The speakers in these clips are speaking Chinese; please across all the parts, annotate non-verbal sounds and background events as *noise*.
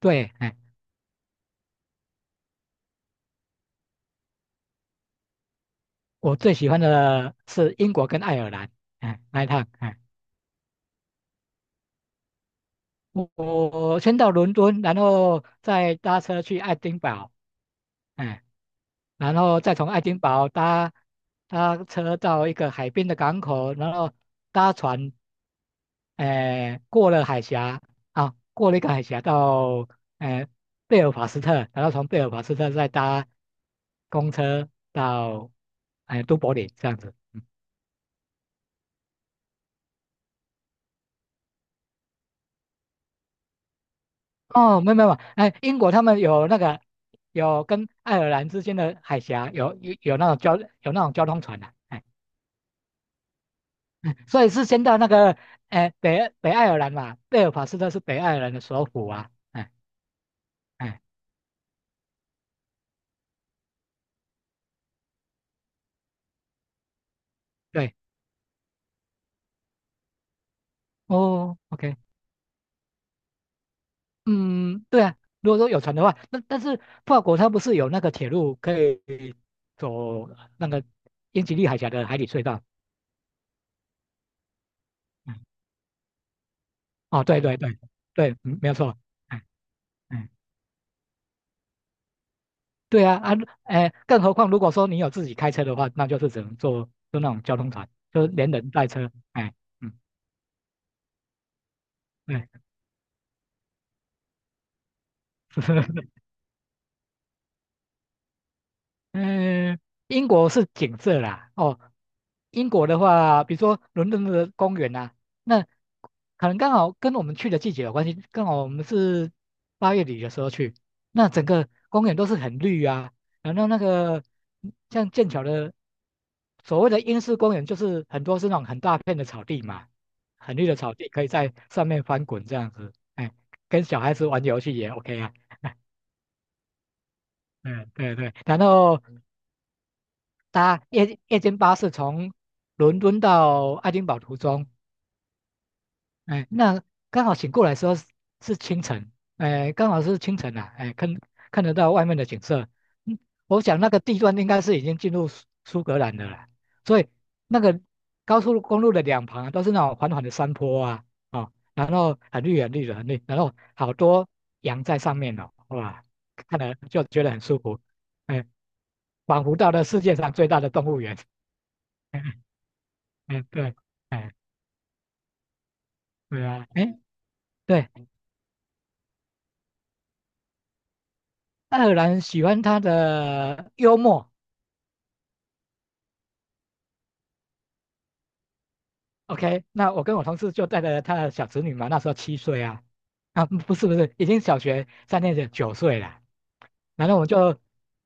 对。我最喜欢的是英国跟爱尔兰。那一趟，我先到伦敦，然后再搭车去爱丁堡。哎，然后再从爱丁堡搭车到一个海边的港口，然后搭船。过了海峡。啊，过了一个海峡到，哎，贝尔法斯特，然后从贝尔法斯特再搭公车到都柏林这样子。哦，没有没有。英国他们有那个有跟爱尔兰之间的海峡有那种交通船的。*laughs* 嗯，所以是先到那个北爱尔兰嘛。贝尔法斯特是北爱尔兰的首府啊。哎对。哦，OK。嗯，对啊，如果说有船的话，那但是法国它不是有那个铁路可以走那个英吉利海峡的海底隧道？嗯，哦，对对对对，嗯，没有错。哎哎对啊啊。更何况如果说你有自己开车的话，那就是只能坐就那种交通船，就是连人带车。嗯，对。*laughs* 嗯，英国是景色啦。哦，英国的话，比如说伦敦的公园啊，那可能刚好跟我们去的季节有关系，刚好我们是8月底的时候去，那整个公园都是很绿啊，然后那个像剑桥的所谓的英式公园，就是很多是那种很大片的草地嘛，很绿的草地，可以在上面翻滚这样子。跟小孩子玩游戏也 OK 啊。*laughs* 嗯，对对，然后搭夜间巴士从伦敦到爱丁堡途中。那刚好醒过来的时候是清晨。刚好是清晨啊。看得到外面的景色。嗯，我想那个地段应该是已经进入苏格兰的了啦，所以那个高速公路的两旁啊都是那种缓缓的山坡啊。哦，然后很绿很绿的很绿，然后好多羊在上面哦，哇，看了就觉得很舒服。哎，仿佛到了世界上最大的动物园。*laughs* 嗯，对，哎，对啊，对。爱尔兰喜欢他的幽默。OK，那我跟我同事就带着他的小侄女嘛，那时候7岁啊。啊，不是不是，已经小学3年级，九岁了。然后我们就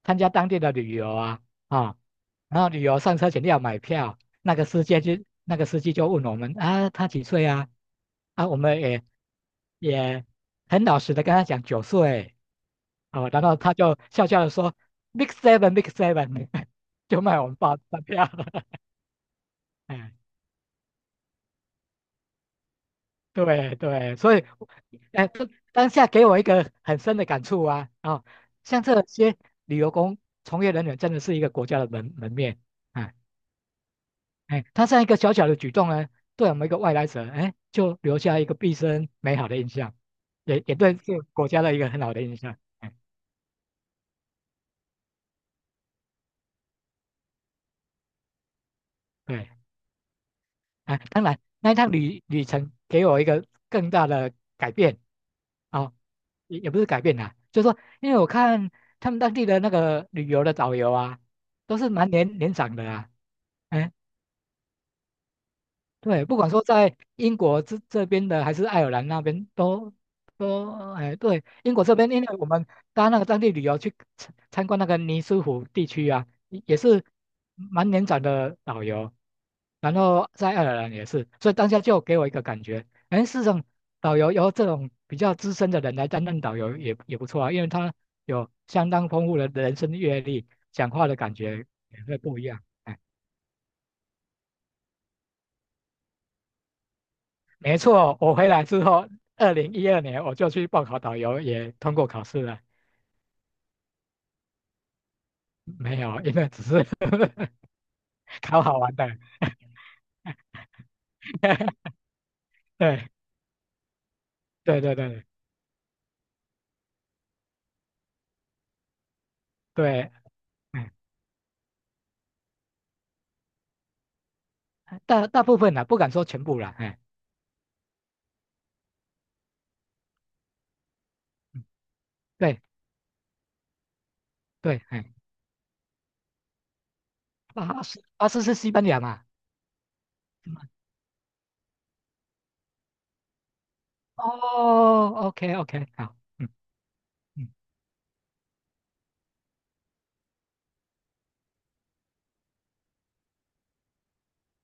参加当地的旅游啊。啊，然后旅游上车前要买票，那个司机就问我们啊，他几岁啊？啊，我们也很老实的跟他讲九岁。哦，然后他就笑笑的说，Big Seven Big Seven。*laughs* 就卖我们报发票了。*laughs* 哎，对对，所以，当下给我一个很深的感触啊啊、哦，像这些旅游从业人员真的是一个国家的门面啊。他这样一个小小的举动呢，对我们一个外来者，就留下一个毕生美好的印象，也对这个国家的一个很好的印象。对。啊，当然那一趟旅程给我一个更大的改变。哦，也不是改变啦，就是说，因为我看他们当地的那个旅游的导游啊，都是蛮年长的啊。哎，对，不管说在英国这边的还是爱尔兰那边都。对，英国这边，因为我们搭那个当地旅游去参观那个尼斯湖地区啊，也是蛮年长的导游，然后在爱尔兰也是，所以当下就给我一个感觉。事实上导游由这种比较资深的人来担任导游也不错啊，因为他有相当丰富的人生阅历，讲话的感觉也会不一样。没错。我回来之后，2012年我就去报考导游，也通过考试了。没有，因为只是 *laughs* 考好玩的。*laughs* 对对对对对。哎，大部分啦，不敢说全部啦。嗯，对对。巴斯，巴斯是西班牙嘛？是吗？哦，OK OK，好，嗯嗯，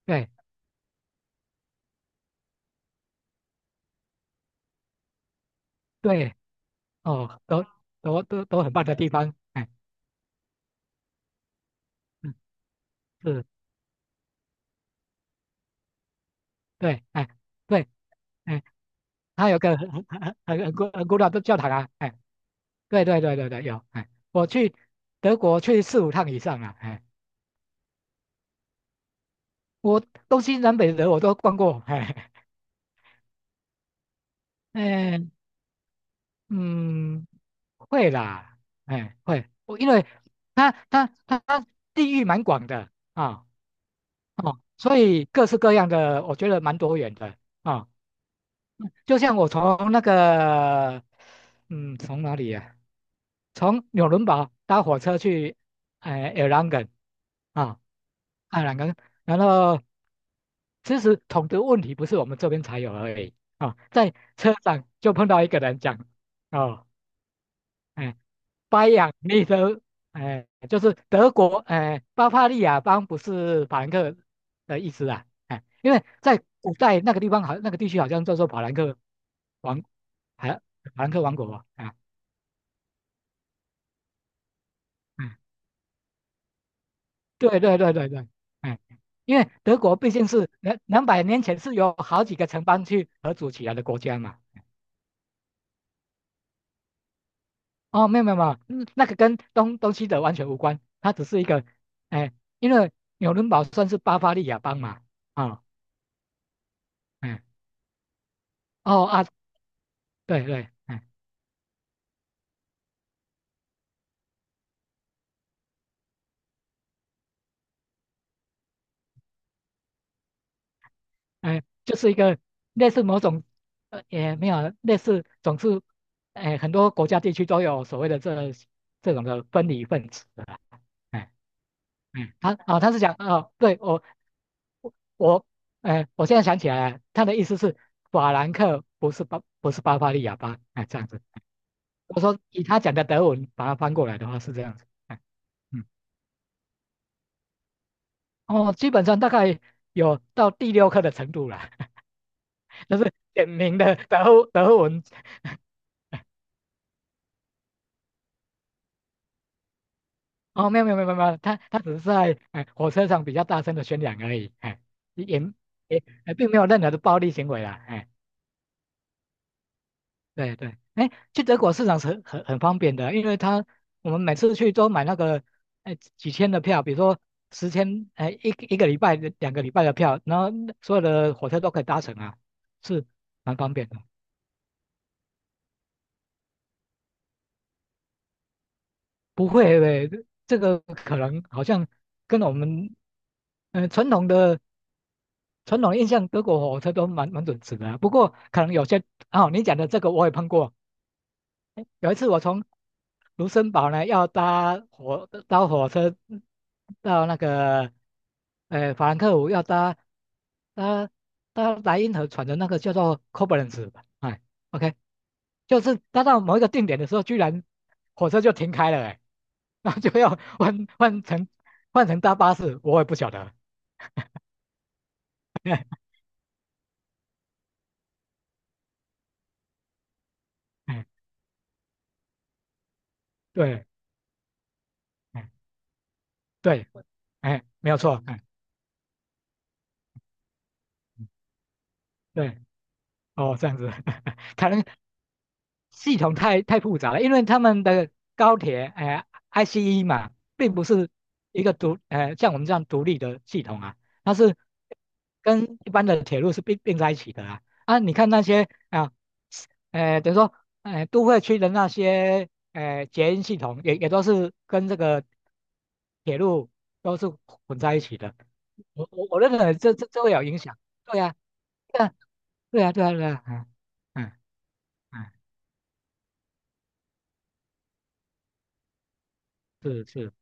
对对。哦，都很棒的地方。嗯，是。对，对，哎，它有个很古老的教堂啊。对对对对对，有。我去德国去四五趟以上了。我东西南北德我都逛过。哎嗯，会啦。会。我因为它地域蛮广的啊。哦，所以各式各样的，我觉得蛮多元的啊。就像我从那个，嗯，从哪里呀、从纽伦堡搭火车去，埃朗根啊，爱尔兰。然后其实统治问题不是我们这边才有而已啊，在车上就碰到一个人讲。哦，哎、巴仰利的，就是德国，巴伐利亚邦不是法兰克的意思啊，因为在古代那个地方好，那个地区好像叫做法兰克王，还法兰克王国啊。嗯，对对对对对。哎、因为德国毕竟是两百年前是由好几个城邦去合组起来的国家嘛。哦，没有没有没有。嗯，那个跟东西德完全无关，它只是一个。哎、因为纽伦堡算是巴伐利亚邦嘛。啊、哎。哦啊，对对。就是一个类似某种，也没有类似，总是，很多国家地区都有所谓的这种的分离分子的啦。哎他啊，他是讲哦，对，我我，我现在想起来了，他的意思是法兰克不是巴伐利亚吧。这样子。我说以他讲的德文把它翻过来的话是这样子。嗯，哦，基本上大概有到第六课的程度了。*laughs* 就是点名的德文哦。没有没有没有没有，没有，他只是在火车上比较大声的宣讲而已。也也哎并没有任何的暴力行为啦。对对。去德国市场是很方便的，因为我们每次去都买那个几千的票，比如说10,000一个礼拜2个礼拜的票，然后所有的火车都可以搭乘啊，是蛮方便的，不会。这个可能好像跟我们传统的。传统的印象，德国火车都蛮准时的啊，不过可能有些。哦，你讲的这个我也碰过。有一次我从卢森堡呢要搭火车到那个法兰克福，要搭搭莱茵河船的那个叫做 Koblenz 吧。OK。就是搭到某一个定点的时候，居然火车就停开了。然后就要换换成换成搭巴士，我也不晓得。*laughs* 哎，对。哎，对。没有错。对，哦，这样子。*laughs* 可能系统太复杂了，因为他们的高铁，ICE 嘛，并不是一个像我们这样独立的系统啊。它是跟一般的铁路是并在一起的啊。啊，你看那些啊，等于说，都会区的那些，捷运系统也都是跟这个铁路都是混在一起的。我认为这会有影响。对呀、对呀、对呀、对呀、对呀、嗯嗯。哎，是是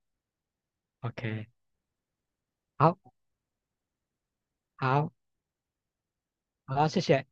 ，OK，好，好，好，谢谢。